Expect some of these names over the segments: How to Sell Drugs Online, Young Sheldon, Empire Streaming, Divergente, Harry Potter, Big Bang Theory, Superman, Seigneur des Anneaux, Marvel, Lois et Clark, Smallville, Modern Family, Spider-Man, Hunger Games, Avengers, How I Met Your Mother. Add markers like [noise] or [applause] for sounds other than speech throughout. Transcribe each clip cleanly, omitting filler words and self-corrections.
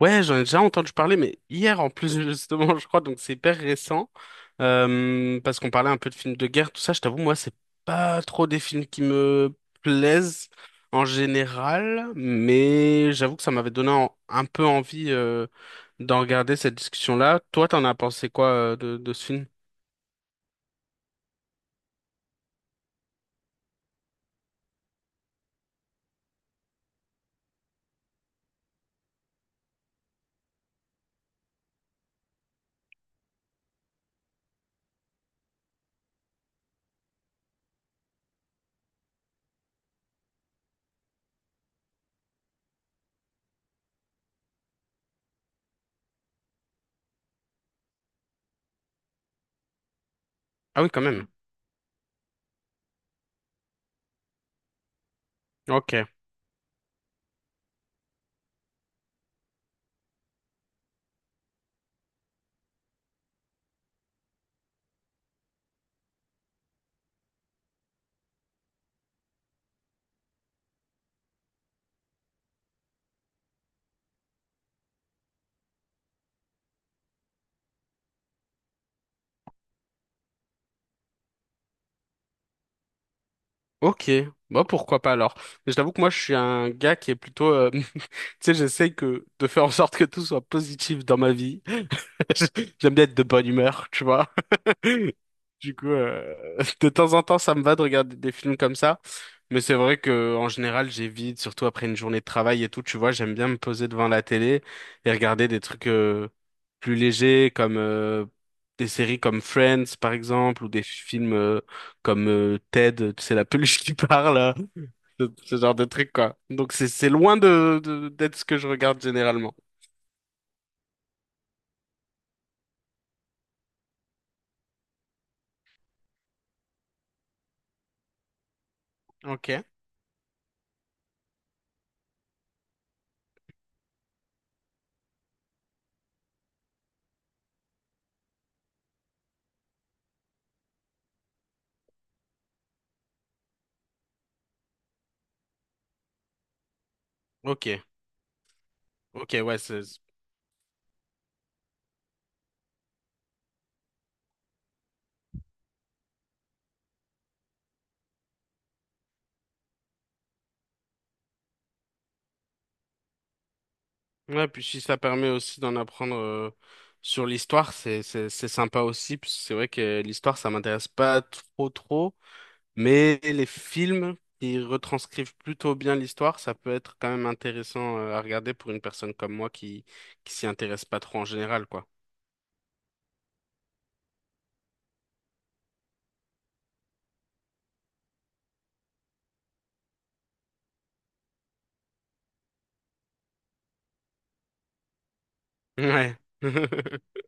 Ouais, j'en ai déjà entendu parler, mais hier en plus justement, [laughs] je crois, donc c'est hyper récent. Parce qu'on parlait un peu de films de guerre, tout ça, je t'avoue, moi, c'est pas trop des films qui me plaisent en général, mais j'avoue que ça m'avait donné un peu envie d'en regarder cette discussion-là. Toi, t'en as pensé quoi de ce film? Ah oui, quand même. Ok. Ok. Bon, pourquoi pas alors? Mais je t'avoue que moi, je suis un gars qui est plutôt... [laughs] Tu sais, j'essaye que de faire en sorte que tout soit positif dans ma vie. [laughs] J'aime bien être de bonne humeur, tu vois. [laughs] Du coup, [laughs] de temps en temps, ça me va de regarder des films comme ça. Mais c'est vrai que en général, j'évite, surtout après une journée de travail et tout, tu vois, j'aime bien me poser devant la télé et regarder des trucs plus légers comme des séries comme Friends, par exemple, ou des films comme Ted, tu sais, la peluche qui [laughs] parle, hein. Ce genre de trucs, quoi. Donc c'est loin d'être ce que je regarde généralement. Ok, ok, ok, ouais, c'est. Ouais, puis si ça permet aussi d'en apprendre sur l'histoire, c'est sympa aussi, parce que c'est vrai que l'histoire, ça m'intéresse pas trop trop, mais les films qui retranscrivent plutôt bien l'histoire, ça peut être quand même intéressant à regarder pour une personne comme moi qui s'y intéresse pas trop en général, quoi. Ouais. [laughs]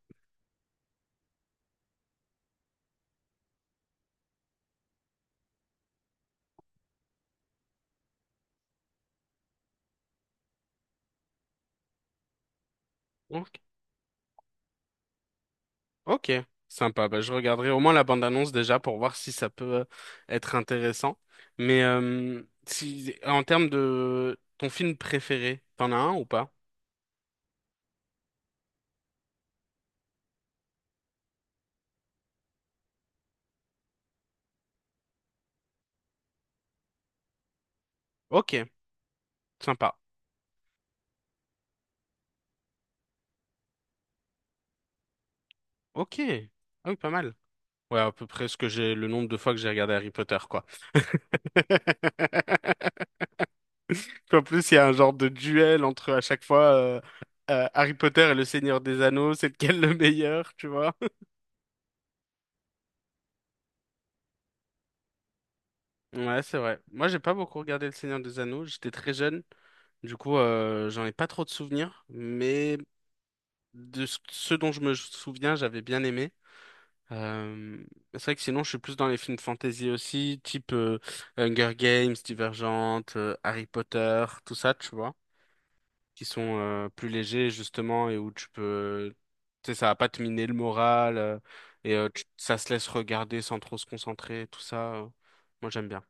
Ok. Ok, sympa. Bah, je regarderai au moins la bande-annonce déjà pour voir si ça peut être intéressant. Mais si, en termes de ton film préféré, t'en as un ou pas? Ok, sympa. Ok, ah oui, pas mal. Ouais, à peu près ce que j'ai, le nombre de fois que j'ai regardé Harry Potter, quoi. [laughs] En plus, il y a un genre de duel entre à chaque fois Harry Potter et le Seigneur des Anneaux, c'est lequel le meilleur, tu vois? [laughs] Ouais, c'est vrai. Moi, j'ai pas beaucoup regardé le Seigneur des Anneaux. J'étais très jeune. Du coup, j'en ai pas trop de souvenirs, mais de ce dont je me souviens, j'avais bien aimé. Euh, c'est vrai que sinon, je suis plus dans les films fantasy aussi, type Hunger Games, Divergente, Harry Potter, tout ça, tu vois, qui sont plus légers justement et où tu peux, tu sais, ça va pas te miner le moral et ça se laisse regarder sans trop se concentrer, tout ça. Moi, j'aime bien.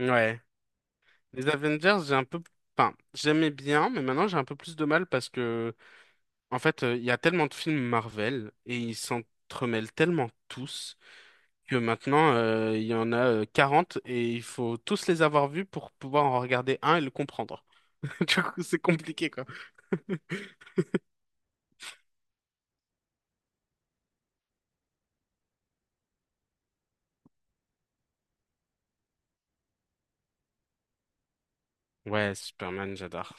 Ouais. Les Avengers, j'ai un peu, enfin, j'aimais bien, mais maintenant j'ai un peu plus de mal parce que en fait, il y a tellement de films Marvel et ils s'entremêlent tellement tous que maintenant, il y en a 40 et il faut tous les avoir vus pour pouvoir en regarder un et le comprendre. [laughs] Du coup, c'est compliqué, quoi. Ouais, Superman, j'adore.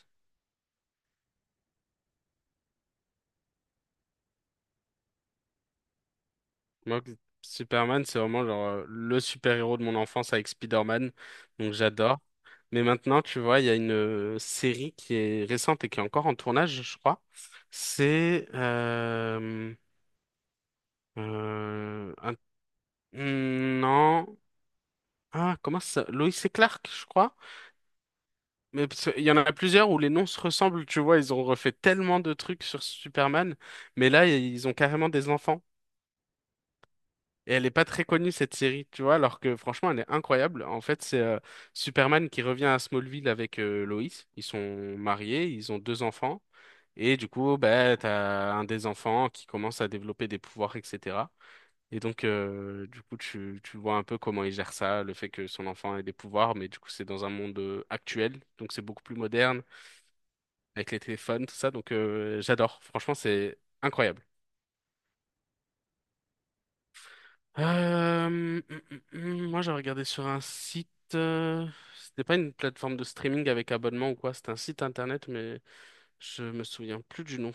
Moi, Superman, c'est vraiment genre, le super-héros de mon enfance avec Spider-Man, donc j'adore. Mais maintenant, tu vois, il y a une série qui est récente et qui est encore en tournage, je crois. C'est euh, hmm, non. Ah, comment ça? Lois et Clark, je crois. Mais parce que il y en a plusieurs où les noms se ressemblent, tu vois. Ils ont refait tellement de trucs sur Superman. Mais là, ils ont carrément des enfants. Et elle est pas très connue, cette série, tu vois. Alors que franchement, elle est incroyable. En fait, c'est Superman qui revient à Smallville avec Lois. Ils sont mariés, ils ont deux enfants. Et du coup, bah, t'as un des enfants qui commence à développer des pouvoirs, etc. Et donc, du coup, tu vois un peu comment il gère ça, le fait que son enfant ait des pouvoirs, mais du coup, c'est dans un monde actuel, donc c'est beaucoup plus moderne, avec les téléphones, tout ça. Donc, j'adore. Franchement, c'est incroyable. Euh, hum, Moi, j'ai regardé sur un site. euh, C'était pas une plateforme de streaming avec abonnement ou quoi. C'était un site internet, mais je me souviens plus du nom.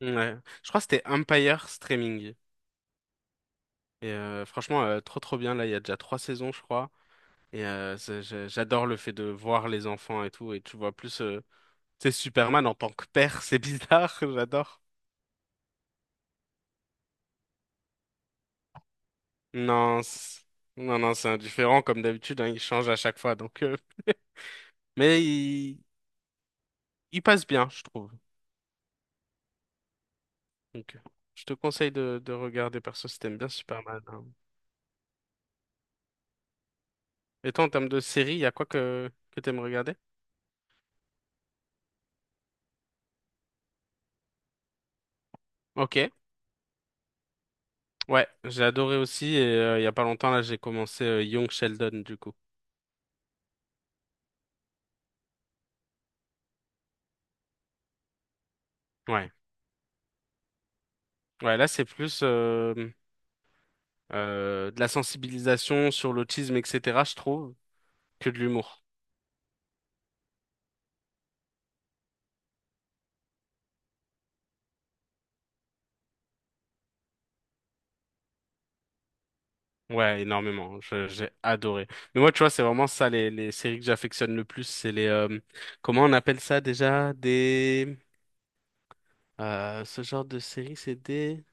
Ouais. Je crois que c'était Empire Streaming. Et franchement, trop trop bien. Là, il y a déjà trois saisons, je crois. Et j'adore le fait de voir les enfants et tout. Et tu vois plus, c'est Superman en tant que père, [laughs] c'est bizarre, j'adore. Non, non, non, c'est indifférent comme d'habitude, hein, il change à chaque fois. Donc, [laughs] mais il passe bien, je trouve. Donc, je te conseille de regarder perso si t'aimes bien Superman, hein. Et toi, en termes de série, il y a quoi que t'aimes regarder? Ok, ouais, j'ai adoré aussi. Et il y a pas longtemps là, j'ai commencé Young Sheldon du coup. Ouais, ouais, là c'est plus de la sensibilisation sur l'autisme, etc., je trouve, que de l'humour. Ouais, énormément. J'ai adoré. Mais moi, tu vois, c'est vraiment ça, les séries que j'affectionne le plus, c'est les, comment on appelle ça déjà? Des, ce genre de séries, c'est des.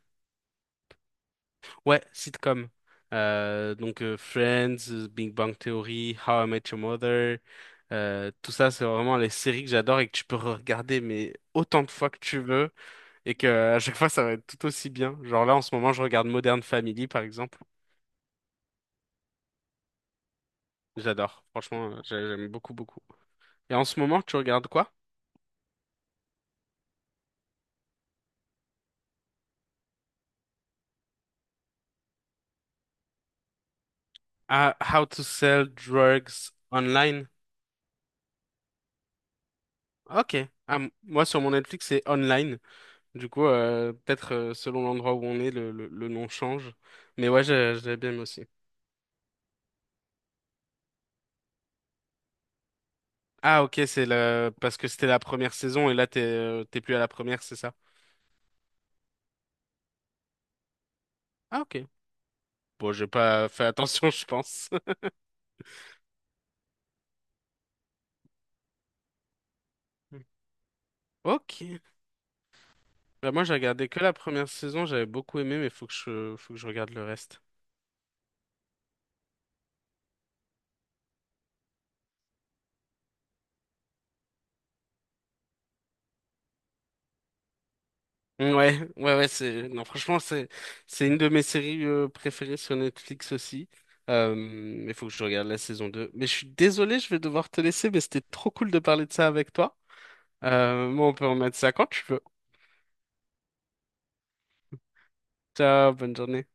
Ouais, sitcom. Donc Friends, Big Bang Theory, How I Met Your Mother, tout ça, c'est vraiment les séries que j'adore et que tu peux regarder mais autant de fois que tu veux. Et que à chaque fois ça va être tout aussi bien. Genre là en ce moment je regarde Modern Family par exemple. J'adore, franchement j'aime beaucoup beaucoup. Et en ce moment tu regardes quoi? Ah, How to Sell Drugs Online. Ok. Ah, moi sur mon Netflix c'est online. Du coup peut-être selon l'endroit où on est le nom change. Mais ouais j'ai bien aimé aussi. Ah ok c'est la parce que c'était la première saison et là t'es plus à la première c'est ça? Ah ok. Bon j'ai pas fait attention [laughs] je pense. [laughs] Ok. Bah, moi, j'ai regardé que la première saison, j'avais beaucoup aimé, mais faut que je regarde le reste. Mmh, ouais, ouais, ouais, c'est, non, franchement, c'est, une de mes séries préférées sur Netflix aussi. Mais faut que je regarde la saison deux. Mais je suis désolé, je vais devoir te laisser, mais c'était trop cool de parler de ça avec toi. Moi, on peut remettre ça quand tu veux. Ciao, bonne journée.